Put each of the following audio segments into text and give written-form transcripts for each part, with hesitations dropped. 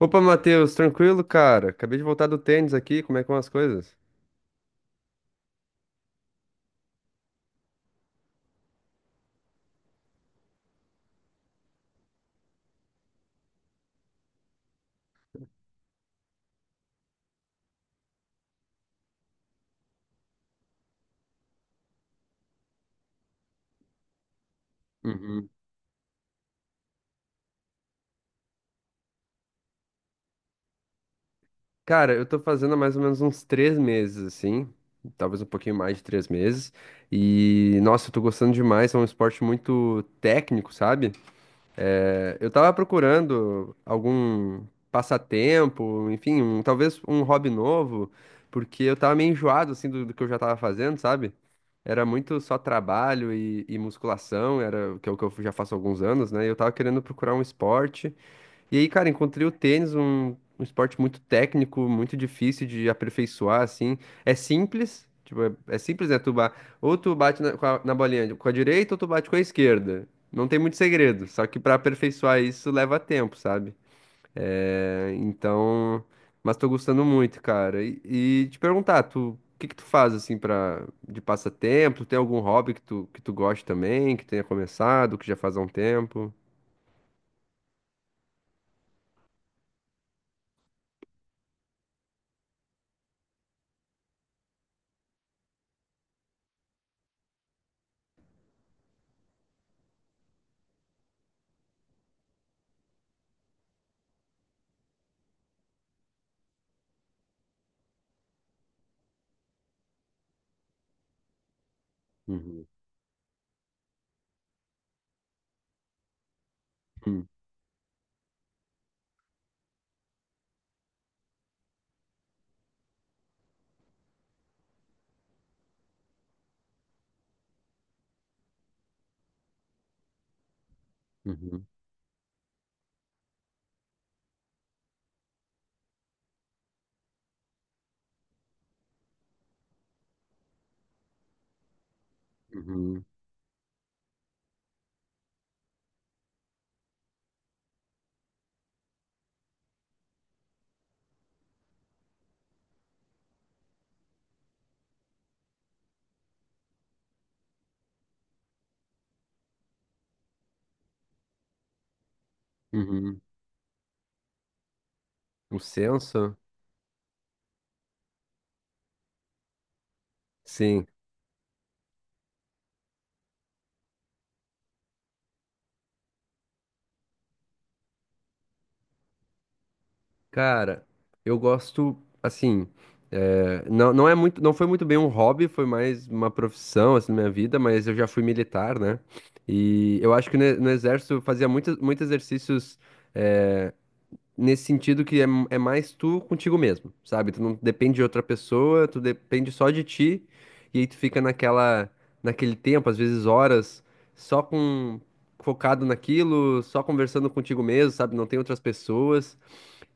Opa, Matheus, tranquilo, cara? Acabei de voltar do tênis aqui, como é que vão as coisas? Uhum. Cara, eu tô fazendo há mais ou menos uns 3 meses, assim, talvez um pouquinho mais de 3 meses, e nossa, eu tô gostando demais, é um esporte muito técnico, sabe? É, eu tava procurando algum passatempo, enfim, talvez um hobby novo, porque eu tava meio enjoado, assim, do que eu já tava fazendo, sabe? Era muito só trabalho e musculação, era o que, que eu já faço há alguns anos, né? E eu tava querendo procurar um esporte e aí, cara, encontrei o tênis, um esporte muito técnico, muito difícil de aperfeiçoar, assim. É simples, tipo, é simples, né? Ou tu bate na bolinha com a direita ou tu bate com a esquerda. Não tem muito segredo, só que pra aperfeiçoar isso leva tempo, sabe? É, então, mas tô gostando muito, cara. E te perguntar, tu, o que que tu faz assim para de passatempo? Tem algum hobby que tu goste também, que tenha começado, que já faz há um tempo? Uhum, uhum, uhum. Uhum. Uhum. O senso? Sim. Cara, eu gosto, assim, é, não, não é muito, não foi muito bem um hobby, foi mais uma profissão, assim, na minha vida, mas eu já fui militar, né? E eu acho que no exército eu fazia muitos, muitos exercícios nesse sentido que é mais tu contigo mesmo, sabe? Tu não depende de outra pessoa, tu depende só de ti, e aí tu fica naquela, naquele tempo, às vezes horas, só com focado naquilo, só conversando contigo mesmo, sabe? Não tem outras pessoas.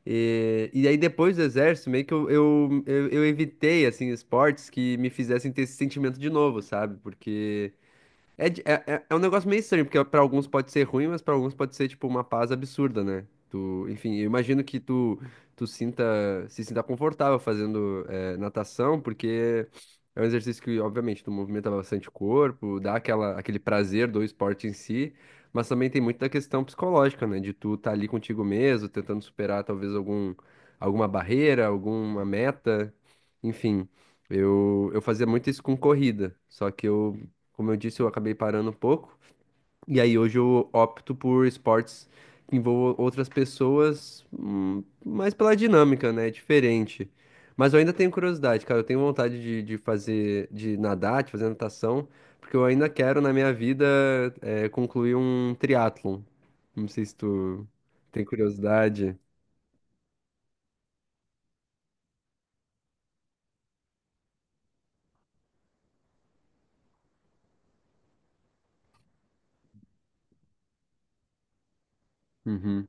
E aí depois do exército, meio que eu evitei, assim, esportes que me fizessem ter esse sentimento de novo, sabe? Porque é um negócio meio estranho, porque pra alguns pode ser ruim, mas pra alguns pode ser, tipo, uma paz absurda, né? Tu, enfim, eu imagino que tu sinta, se sinta confortável fazendo natação, porque é um exercício que, obviamente, tu movimenta bastante o corpo, dá aquela, aquele prazer do esporte em si, mas também tem muito da questão psicológica, né? De tu estar ali contigo mesmo, tentando superar talvez algum, alguma barreira, alguma meta, enfim. Eu fazia muito isso com corrida, só que eu como eu disse, eu acabei parando um pouco. E aí hoje eu opto por esportes que envolvam outras pessoas, mais pela dinâmica, né? Diferente. Mas eu ainda tenho curiosidade, cara. Eu tenho vontade de fazer, de nadar, de fazer natação, porque eu ainda quero na minha vida concluir um triatlon. Não sei se tu tem curiosidade. Uhum,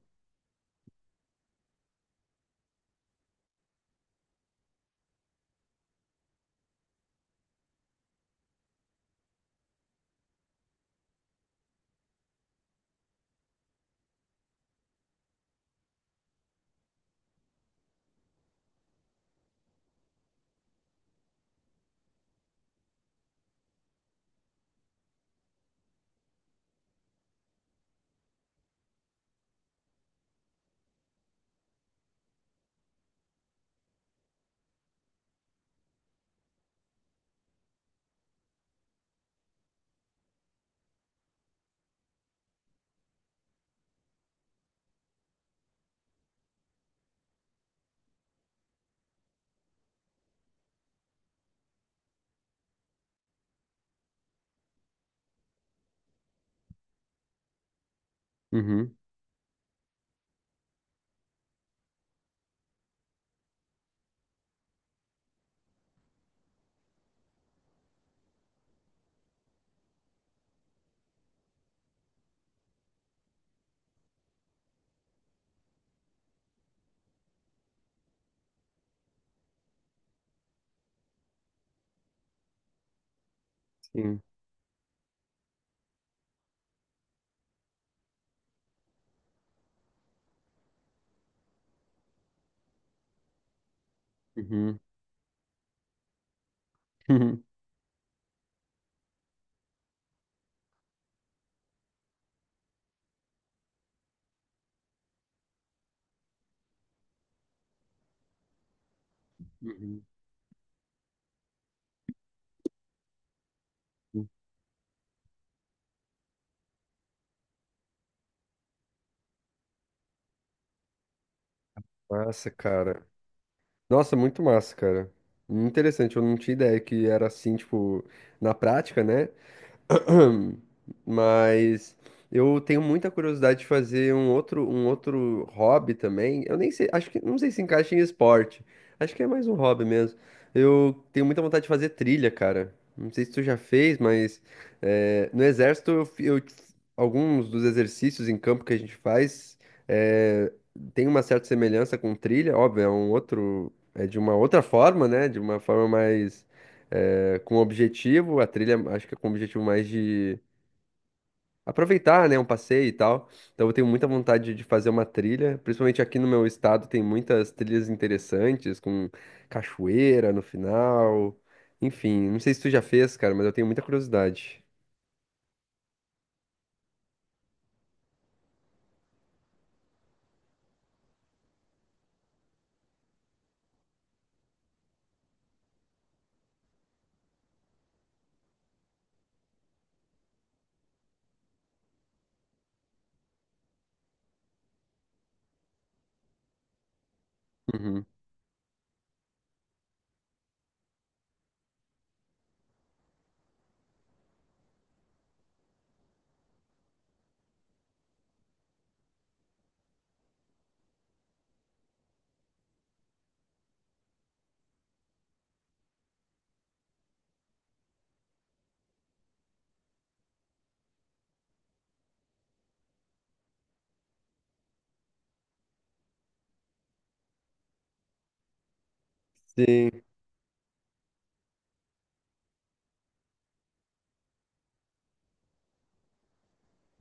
uhum, sim, uhum, uhum. Uhum. Massa, cara. Nossa, muito massa, cara. Interessante, eu não tinha ideia que era assim, tipo, na prática, né? Mas eu tenho muita curiosidade de fazer um outro hobby também. Eu nem sei, acho que não sei se encaixa em esporte. Acho que é mais um hobby mesmo. Eu tenho muita vontade de fazer trilha, cara. Não sei se tu já fez, mas no exército alguns dos exercícios em campo que a gente faz eh, tem uma certa semelhança com trilha. Óbvio, é um outro, é de uma outra forma, né? De uma forma mais com objetivo, a trilha acho que é com objetivo mais de aproveitar, né, um passeio e tal. Então eu tenho muita vontade de fazer uma trilha, principalmente aqui no meu estado tem muitas trilhas interessantes com cachoeira no final. Enfim, não sei se tu já fez, cara, mas eu tenho muita curiosidade. Uhum. Sim,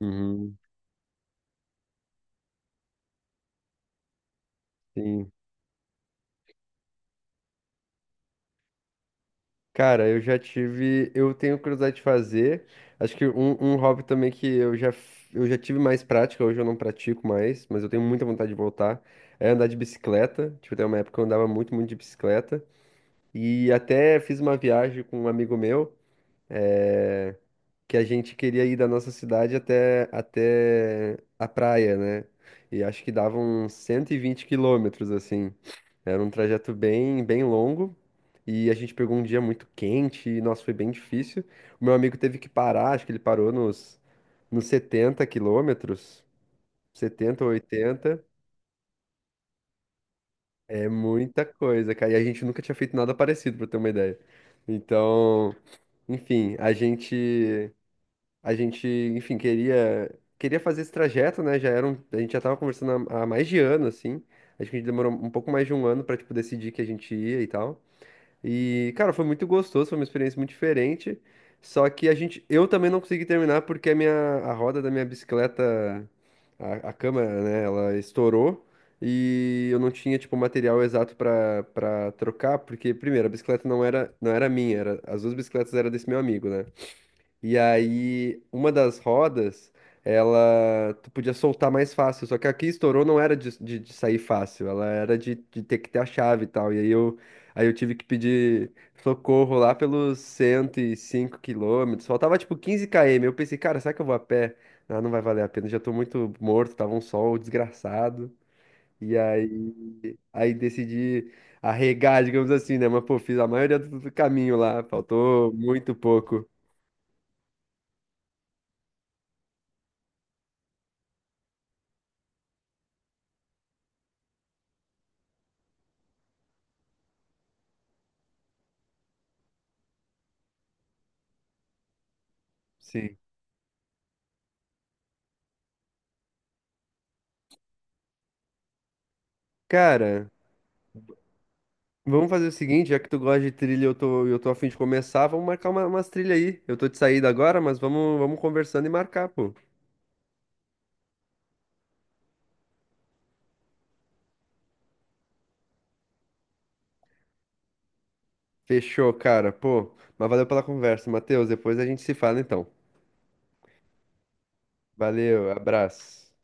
uhum, sim. Cara, eu já tive. Eu tenho curiosidade de fazer. Acho que um hobby também que eu já tive mais prática, hoje eu não pratico mais, mas eu tenho muita vontade de voltar. É andar de bicicleta. Tipo, tem uma época que eu andava muito, muito de bicicleta. E até fiz uma viagem com um amigo meu, eh, que a gente queria ir da nossa cidade até a praia, né? E acho que dava uns 120 quilômetros, assim. Era um trajeto bem, bem longo e a gente pegou um dia muito quente e, nossa, foi bem difícil. O meu amigo teve que parar, acho que ele parou nos 70 quilômetros, 70 ou 80. É muita coisa, cara. E a gente nunca tinha feito nada parecido, pra ter uma ideia. Então, enfim, enfim, queria fazer esse trajeto, né? A gente já tava conversando há mais de ano, assim. Acho que a gente demorou um pouco mais de um ano pra, tipo, decidir que a gente ia e tal. E, cara, foi muito gostoso, foi uma experiência muito diferente. Só que a gente, eu também não consegui terminar porque a minha, a roda da minha bicicleta, a câmera, né, ela estourou e eu não tinha, tipo, o material exato pra para trocar, porque primeiro, a bicicleta não era minha, as duas bicicletas eram desse meu amigo, né? E aí, uma das rodas, ela tu podia soltar mais fácil. Só que aqui estourou não era de sair fácil, ela era de ter que ter a chave e tal. E aí eu tive que pedir socorro lá pelos 105 quilômetros. Faltava tipo 15 km. Eu pensei, cara, será que eu vou a pé? Ah, não vai valer a pena, já tô muito morto, tava um sol desgraçado. E aí, decidi arregar, digamos assim, né? Mas pô, fiz a maioria do caminho lá, faltou muito pouco. Sim. Cara, vamos fazer o seguinte, já que tu gosta de trilha e eu tô a fim de começar, vamos marcar uma, umas trilhas aí. Eu tô de saída agora, mas vamos conversando e marcar, pô. Fechou, cara, pô. Mas valeu pela conversa, Matheus. Depois a gente se fala, então. Valeu, abraço.